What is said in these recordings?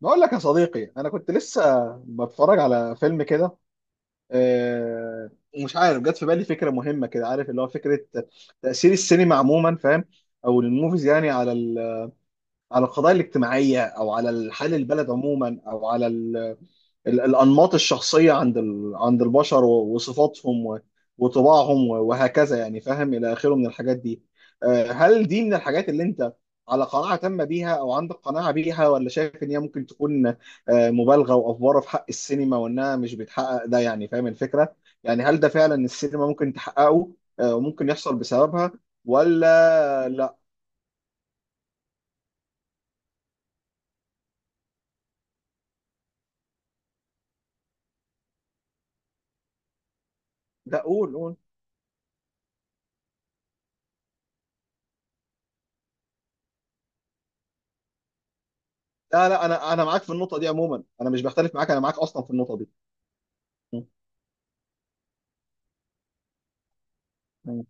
بقول لك يا صديقي، كنت لسه بتفرج على فيلم كده. آه، ومش عارف جت في بالي فكره مهمه كده، عارف؟ اللي هو فكره تاثير السينما عموما، فاهم؟ او الموvies يعني على على القضايا الاجتماعيه، او على حال البلد عموما، او على الأنماط الشخصية عند عند البشر وصفاتهم وطباعهم وهكذا يعني، فاهم؟ إلى آخره من الحاجات دي. هل دي من الحاجات اللي أنت على قناعة تامة بيها، أو عندك قناعة بيها، ولا شايف إن هي ممكن تكون مبالغة وأفوارة في حق السينما، وإنها مش بتحقق ده؟ يعني فاهم الفكرة؟ يعني هل ده فعلا السينما ممكن تحققه وممكن يحصل بسببها ولا لا؟ ده قول، قول. لا لا، أنا معاك في النقطة دي عموما، أنا مش بختلف معاك، أنا معاك أصلا في النقطة دي. م-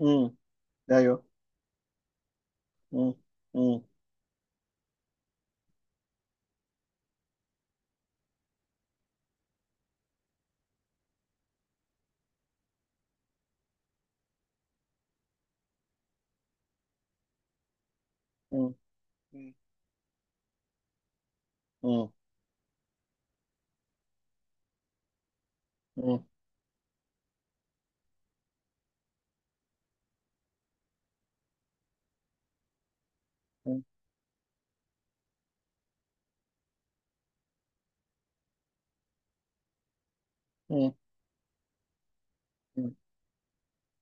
م- ايوه. مم. مم. مم. مم. مم. مم. مم.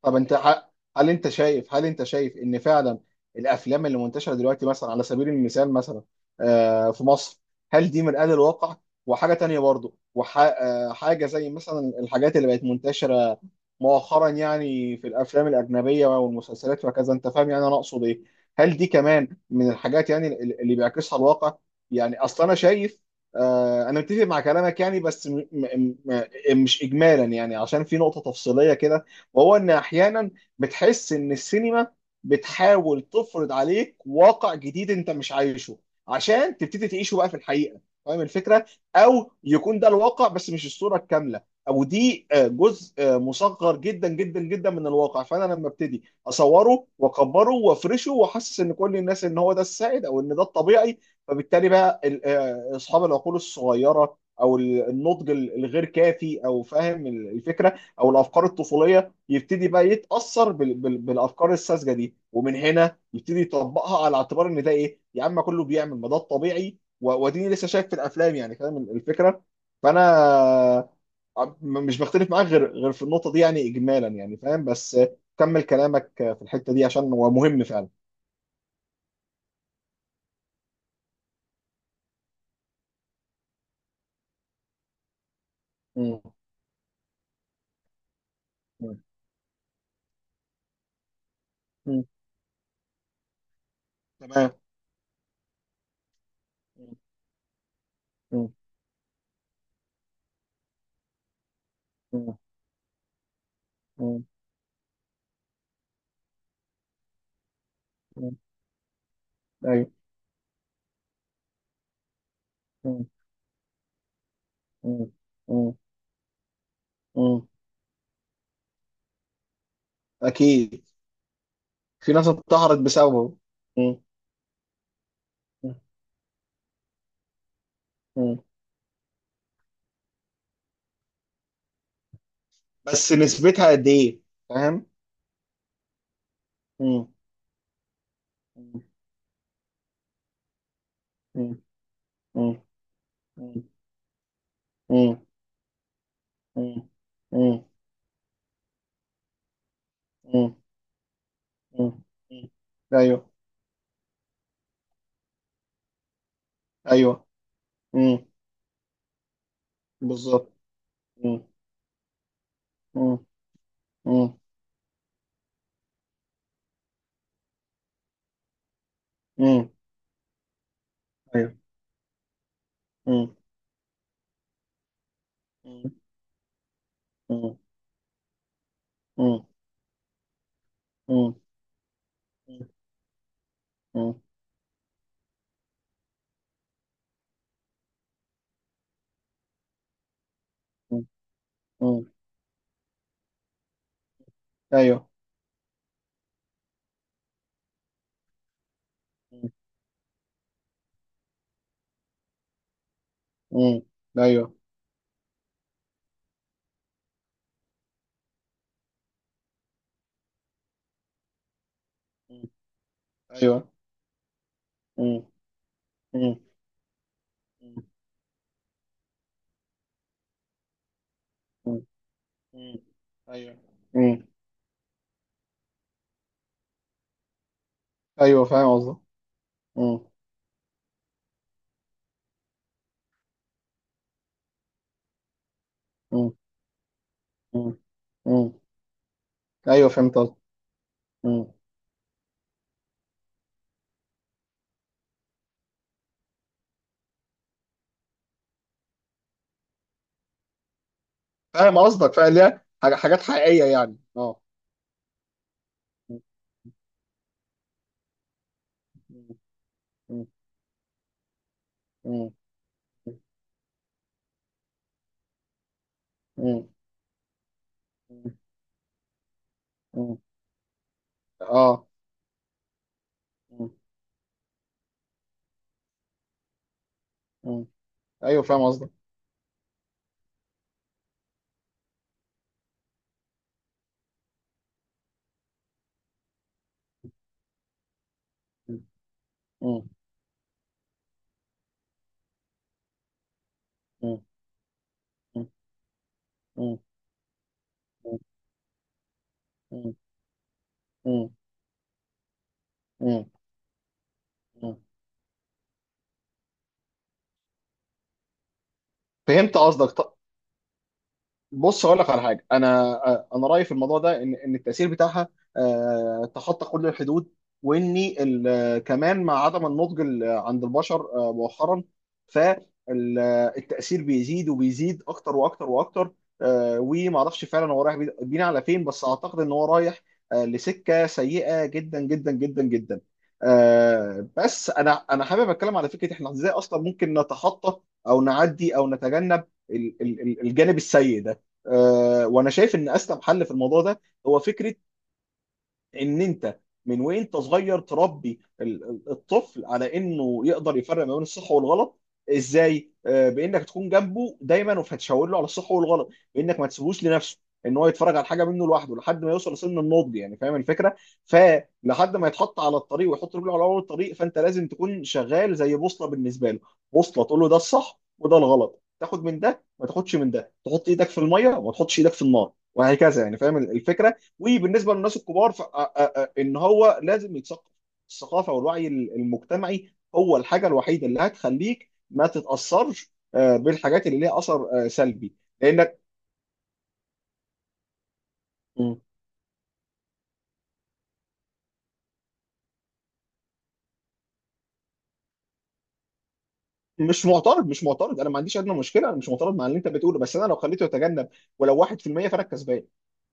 طب هل انت شايف ان فعلا الافلام اللي منتشره دلوقتي، مثلا على سبيل المثال، مثلا في مصر، هل دي مرآة للواقع؟ وحاجه تانية برضو، وحاجه زي مثلا الحاجات اللي بقت منتشره مؤخرا يعني في الافلام الاجنبيه والمسلسلات وكذا، انت فاهم يعني انا اقصد ايه؟ هل دي كمان من الحاجات يعني اللي بيعكسها الواقع؟ يعني اصلا انا شايف انا متفق مع كلامك يعني، بس م م م مش اجمالا يعني، عشان في نقطه تفصيليه كده، وهو ان احيانا بتحس ان السينما بتحاول تفرض عليك واقع جديد انت مش عايشه، عشان تبتدي تعيشه بقى في الحقيقه. فاهم الفكره؟ او يكون ده الواقع بس مش الصوره الكامله، او دي جزء مصغر جدا جدا جدا من الواقع، فانا لما ابتدي اصوره واكبره وافرشه واحسس ان كل الناس ان هو ده السائد او ان ده الطبيعي، فبالتالي بقى اصحاب العقول الصغيره، او النضج الغير كافي، او فاهم الفكره، او الافكار الطفوليه، يبتدي بقى يتأثر بالأفكار الساذجة دي، ومن هنا يبتدي يطبقها على اعتبار إن ده إيه، يا عم كله بيعمل، ما ده الطبيعي واديني لسه شايف في الأفلام، يعني فاهم الفكرة؟ فأنا مش بختلف معاك غير في النقطة دي يعني، إجمالا يعني فاهم، بس كمل كلامك في الحتة دي عشان هو مهم فعلا. مم. مم. مم. تمام. مم. مم. مم. مم. أيوه. مم. مم. مم. مم. أكيد. في ناس انتحرت بسببه. مم. مم. بس نسبتها قد ايه؟ فاهم. مم. مم. مم. مم. مم. مم. مم. مم. مم. ايوه. ايوه. مم. بالظبط. مم. مم. مم. مم. ايوه. مم. مم. مم. مم. مم. مم. مم. ايوه. مم. مم. ايوه. مم. ايوه. مم. مم. مم. مم. ايوه. مم. ايوه، فاهم قصدك. مم. مم. مم. ايوه، فهمت قصدك. فاهم قصدك، فاهم. ليه؟ حاجات حقيقية يعني، اه. م- م- م- م- م- م- اه. م- م- ايوه، فاهم قصدك. م- م- م- م- م- م- م- م- م- فهمت قصدك. بص هقول لك على حاجه. انا رايي في الموضوع ده ان التاثير بتاعها تخطى كل الحدود، وان كمان مع عدم النضج عند البشر مؤخرا، فالتاثير بيزيد وبيزيد اكتر واكتر واكتر. وما اعرفش فعلا هو رايح بينا على فين، بس اعتقد ان هو رايح لسكه سيئه جدا جدا جدا جدا. بس انا حابب اتكلم على فكره، احنا ازاي اصلا ممكن نتخطى او نعدي او نتجنب الجانب السيء ده؟ وانا شايف ان اسلم حل في الموضوع ده هو فكره ان انت من وانت صغير تربي الطفل على انه يقدر يفرق ما بين الصح والغلط. ازاي؟ بانك تكون جنبه دايما، وهتشاور له على الصح والغلط، بانك ما تسيبوش لنفسه ان هو يتفرج على حاجه منه لوحده لحد ما يوصل لسن النضج، يعني فاهم الفكره؟ فلحد ما يتحط على الطريق ويحط رجله على اول الطريق، فانت لازم تكون شغال زي بوصله بالنسبه له، بوصله تقول له ده الصح وده الغلط، تاخد من ده ما تاخدش من ده، تحط ايدك في الميه وما تحطش ايدك في النار، وهكذا يعني فاهم الفكره. وبالنسبه للناس الكبار ان هو لازم يتثقف. الثقافه والوعي المجتمعي هو الحاجه الوحيده اللي هتخليك ما تتاثرش بالحاجات اللي ليها اثر سلبي، لانك. مم. مش معترض، مش معترض، انا ما عنديش ادنى مشكله، انا مش معترض مع اللي انت بتقوله، بس انا لو خليته يتجنب ولو 1% فانا الكسبان.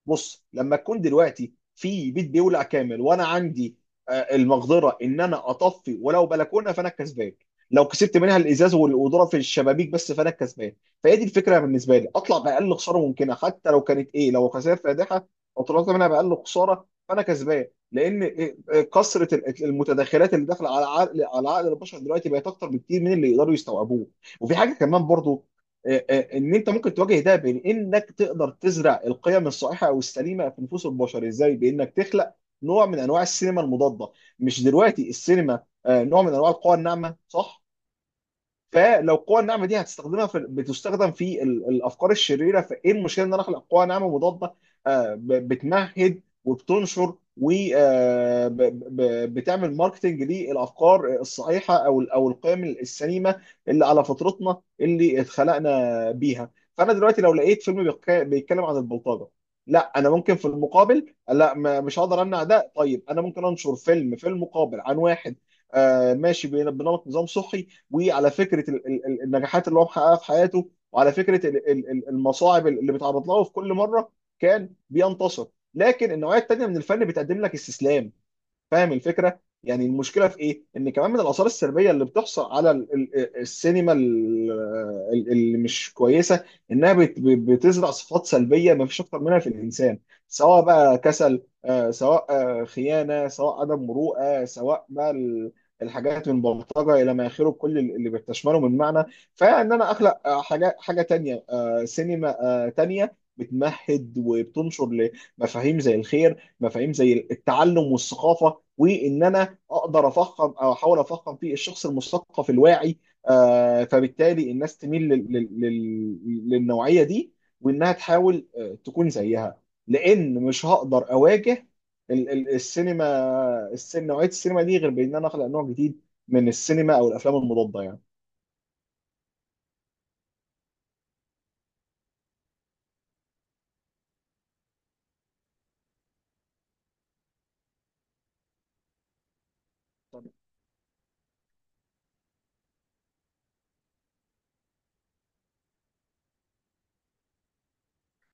بص، لما تكون دلوقتي في بيت بيولع كامل، وانا عندي المقدره ان انا اطفي ولو بلكونه، فانا الكسبان. لو كسبت منها الازاز والقدره في الشبابيك بس، فانا الكسبان. فهي دي الفكره بالنسبه لي، اطلع باقل خساره ممكنه، حتى لو كانت ايه، لو خسائر فادحه او طلعت منها باقل خساره فانا كسبان. لان إيه، إيه، كثره المتداخلات اللي داخله على عقل، على عقل البشر دلوقتي بقت اكتر بكتير من اللي يقدروا يستوعبوه. وفي حاجه كمان برضو، ان انت ممكن تواجه ده، بين انك تقدر تزرع القيم الصحيحه او السليمه في نفوس البشر. ازاي؟ بانك تخلق نوع من انواع السينما المضاده. مش دلوقتي السينما نوع من انواع القوى الناعمه، صح؟ فلو القوى الناعمه دي هتستخدمها في، بتستخدم في الافكار الشريره، فايه المشكله ان انا اخلق قوى ناعمه مضاده بتمهد وبتنشر وبتعمل ماركتنج للافكار الصحيحه، او او القيم السليمه اللي على فطرتنا اللي اتخلقنا بيها. فانا دلوقتي لو لقيت فيلم بيتكلم عن البلطجه، لا انا ممكن في المقابل، لا ما- مش هقدر امنع ده، طيب انا ممكن انشر فيلم في المقابل عن واحد ماشي بنمط نظام صحي، وعلى فكره النجاحات اللي هو محققها في حياته، وعلى فكره المصاعب اللي بيتعرض لها، وفي كل مره كان بينتصر. لكن النوعيه الثانيه من الفن بتقدم لك استسلام. فاهم الفكره؟ يعني المشكله في ايه، ان كمان من الاثار السلبيه اللي بتحصل على السينما اللي مش كويسه، انها بتزرع صفات سلبيه ما فيش اكتر منها في الانسان، سواء بقى كسل، سواء خيانه، سواء عدم مروءه، سواء بقى الحاجات من بلطجه الى ما اخره، كل اللي بتشمله من معنى. فان انا اخلق حاجه تانيه، سينما تانيه بتمهد وبتنشر لمفاهيم زي الخير، مفاهيم زي التعلم والثقافه، وان انا اقدر افخم، او احاول افخم في الشخص المثقف الواعي، فبالتالي الناس تميل للنوعيه دي، وانها تحاول تكون زيها. لان مش هقدر اواجه السينما، نوعيه السينما دي غير بان انا اخلق نوع جديد من السينما او الافلام المضاده يعني.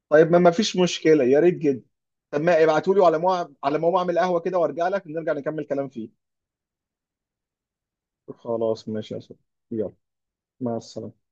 طيب، ما فيش مشكله يا ريت جدا. طب ما ابعتوا لي على مو، على ما اعمل قهوه كده وارجع لك، نرجع نكمل كلام فيه. خلاص ماشي يا صاحبي، يلا، مع السلامه.